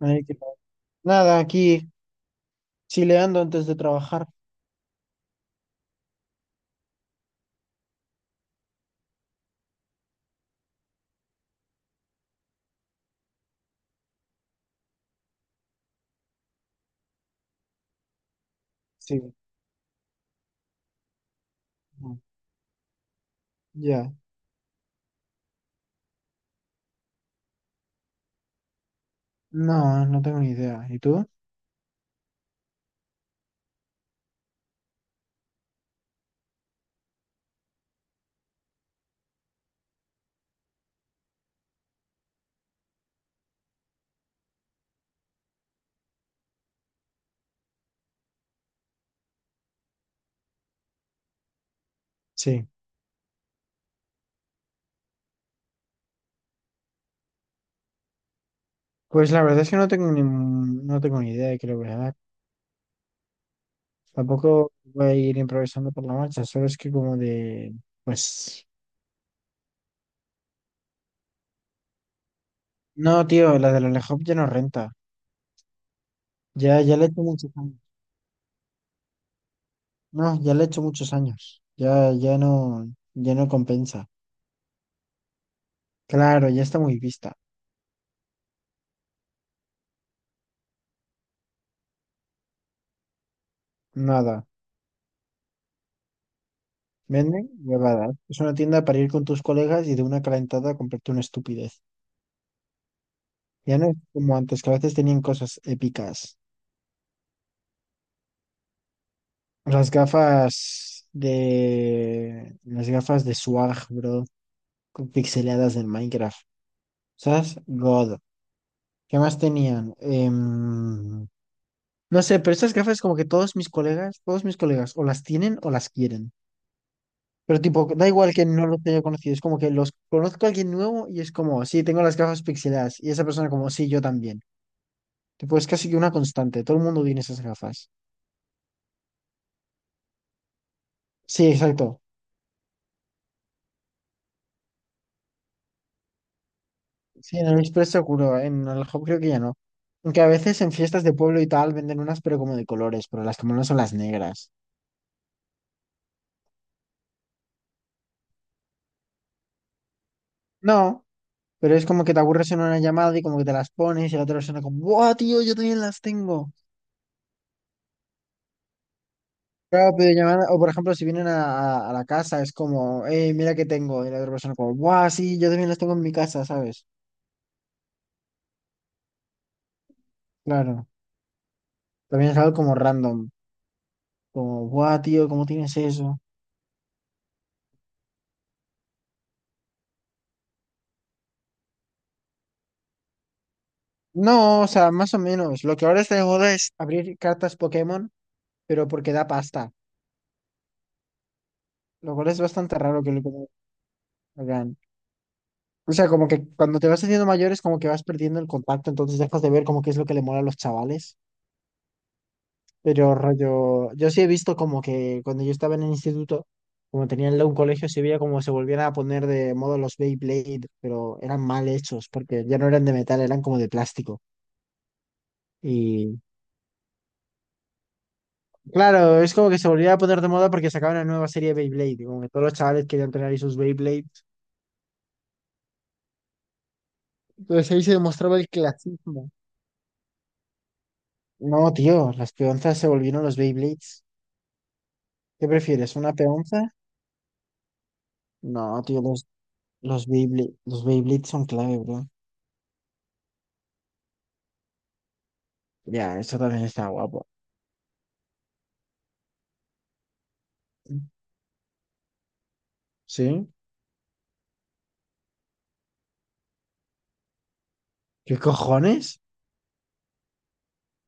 Ay, qué padre. Nada, aquí chileando antes de trabajar. Sí, mm, ya. No, no tengo ni idea. ¿Y tú? Sí. Pues la verdad es que no tengo ni idea de qué le voy a dar. Tampoco voy a ir improvisando por la marcha, solo es que como de. Pues. No, tío, la de la ya no renta. Ya, ya le he hecho muchos años. No, ya le he hecho muchos años. Ya, ya no compensa. Claro, ya está muy vista. Nada. Venden huevadas. Es una tienda para ir con tus colegas y de una calentada a comprarte una estupidez. Ya no es como antes, que a veces tenían cosas épicas. Las gafas de. Las gafas de Swag, bro. Con pixeladas del Minecraft. ¿Sabes? God. ¿Qué más tenían? No sé, pero estas gafas como que todos mis colegas, o las tienen o las quieren. Pero tipo, da igual que no los haya conocido, es como que los conozco a alguien nuevo y es como, sí, tengo las gafas pixeladas. Y esa persona como, sí, yo también. Tipo, es casi que una constante. Todo el mundo tiene esas gafas. Sí, exacto. Sí, en el Express seguro. En el Hop creo que ya no. Aunque a veces en fiestas de pueblo y tal venden unas, pero como de colores, pero las que no son las negras. No, pero es como que te aburres en una llamada y como que te las pones y la otra persona como, ¡buah, tío! Yo también las tengo. Claro, pero llamada, o por ejemplo, si vienen a la casa, es como, ¡eh, mira que tengo! Y la otra persona como, ¡buah, sí! Yo también las tengo en mi casa, ¿sabes? Claro. También es algo como random. Como, ¡buah, tío! ¿Cómo tienes eso? No, o sea, más o menos. Lo que ahora está de moda es abrir cartas Pokémon, pero porque da pasta. Lo cual es bastante raro que lo hagan. O sea, como que cuando te vas haciendo mayor es como que vas perdiendo el contacto, entonces dejas de ver como que es lo que le mola a los chavales. Pero rollo, yo sí he visto como que cuando yo estaba en el instituto, como tenía un colegio, se veía como se volvían a poner de moda los Beyblade, pero eran mal hechos, porque ya no eran de metal, eran como de plástico. Claro, es como que se volvía a poner de moda porque sacaban una nueva serie de Beyblade, y como que todos los chavales querían tener ahí sus Beyblades. Entonces ahí se demostraba el clasismo. No, tío, las peonzas se volvieron los Beyblades. ¿Qué prefieres, una peonza? No, tío, los Beyblades son clave, bro. Ya, eso también está guapo. ¿Sí? ¿Qué cojones?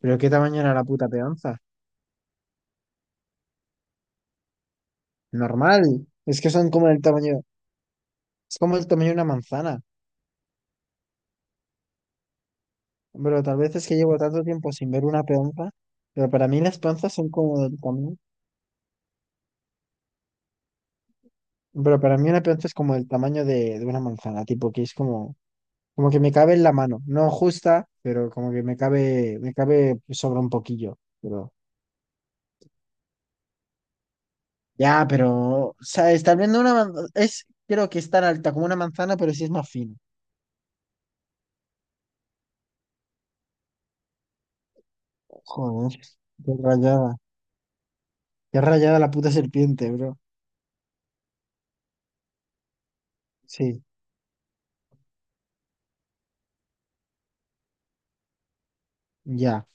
¿Pero qué tamaño era la puta peonza? Normal. Es que son como el tamaño, es como el tamaño de una manzana. Pero tal vez es que llevo tanto tiempo sin ver una peonza, pero para mí las peonzas son como del tamaño. Pero para mí una peonza es como el tamaño de una manzana, tipo que es como que me cabe en la mano. No justa, pero como que me cabe sobra un poquillo. Pero, ya, pero, ¿sabes? Tal vez no una manzana, es, creo que es tan alta como una manzana, pero sí es más fina. Joder, qué rayada. Qué rayada la puta serpiente, bro. Sí, ya.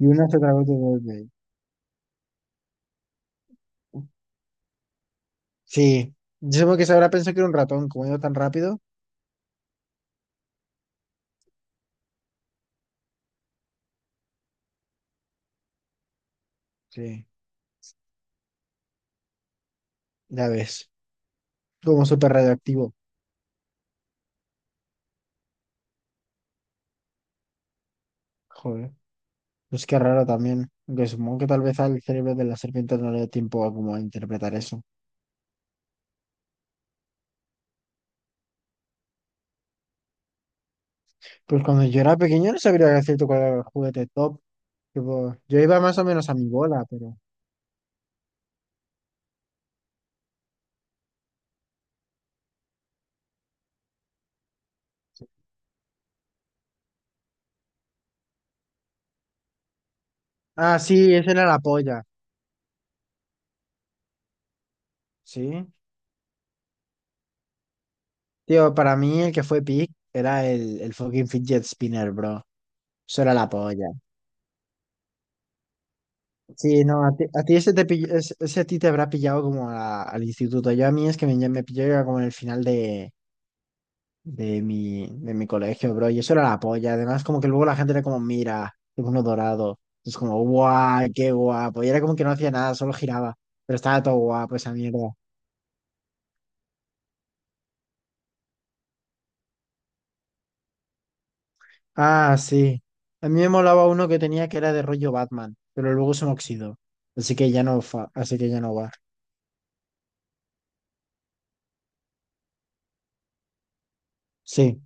Y una se otra vez de golpe. Sí, yo supongo que se habrá pensado que era un ratón, como iba tan rápido. Sí, ya ves, como súper radioactivo. Joder, pues qué raro también. Aunque supongo que tal vez al cerebro de la serpiente no le dio tiempo a como a interpretar eso. Pues cuando yo era pequeño no sabría decirte cuál era el juguete top. Tipo, yo iba más o menos a mi bola, pero. Ah, sí, ese era la polla. Sí. Tío, para mí el que fue pick era el fucking fidget spinner, bro. Eso era la polla. Sí, no, a ti ese, ese a ti te habrá pillado como al instituto. Yo a mí es que me pilló ya como en el final de mi colegio, bro. Y eso era la polla. Además, como que luego la gente era como, mira, es uno dorado. Es como, guau, qué guapo. Y era como que no hacía nada, solo giraba. Pero estaba todo guapo esa mierda. Ah, sí. A mí me molaba uno que tenía que era de rollo Batman, pero luego se me oxidó. Así que ya no, así que ya no va. Sí,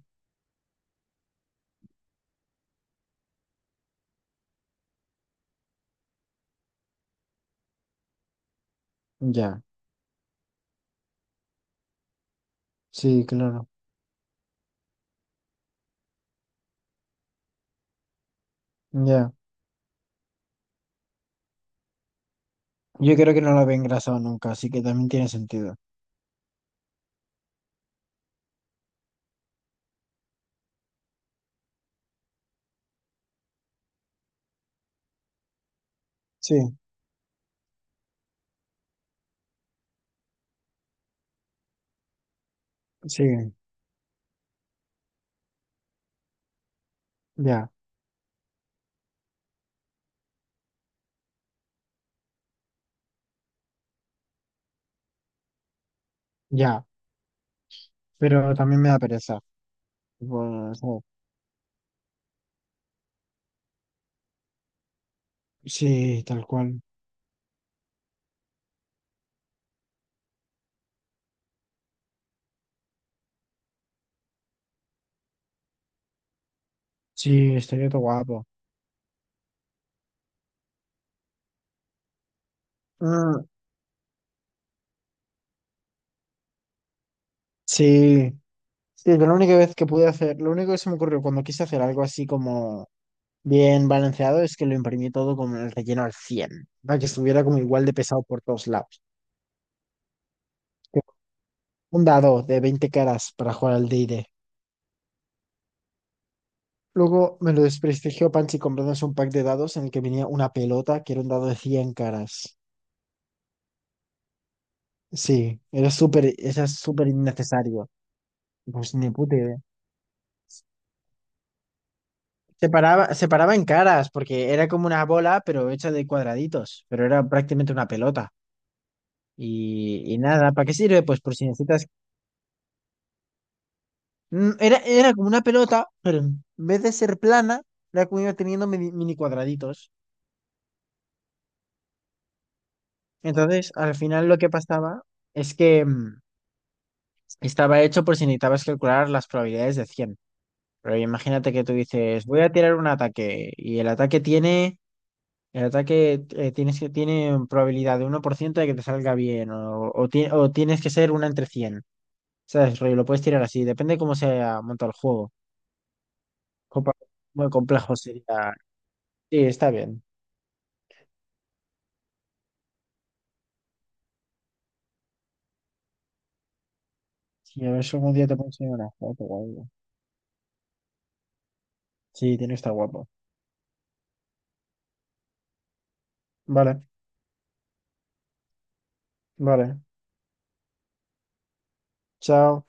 ya. Sí, claro. Ya. Yo creo que no lo había engrasado nunca, así que también tiene sentido. Sí, sí, ya, ya. Pero también me da pereza. Tipo, o sea, sí, tal cual. Sí, estaría todo guapo. Mm, sí. Sí, pero la única vez que pude hacer, lo único que se me ocurrió cuando quise hacer algo así como bien balanceado es que lo imprimí todo como el relleno al 100 para que estuviera como igual de pesado por todos lados. Tipo, un dado de 20 caras para jugar al D&D. Luego me lo desprestigió Panchi comprándose un pack de dados en el que venía una pelota que era un dado de 100 caras. Sí, era súper innecesario. Pues ni puta idea. Se paraba en caras porque era como una bola, pero hecha de cuadraditos, pero era prácticamente una pelota. Y nada, ¿para qué sirve? Pues por si necesitas. Era como una pelota, pero en vez de ser plana, era como iba teniendo mini, mini cuadraditos. Entonces, al final lo que pasaba es que. Estaba hecho por si necesitabas calcular las probabilidades de 100. Pero imagínate que tú dices, voy a tirar un ataque y el ataque tiene, el ataque tienes que, tiene probabilidad de 1% de que te salga bien o tienes que ser una entre 100. ¿Sabes? Rollo, lo puedes tirar así, depende cómo se monta el juego. Compa. Muy complejo sería. Sí, está bien. Si a ver si algún día te puedo enseñar una foto o algo. Sí, tiene que estar guapo. Vale, vale. Chao.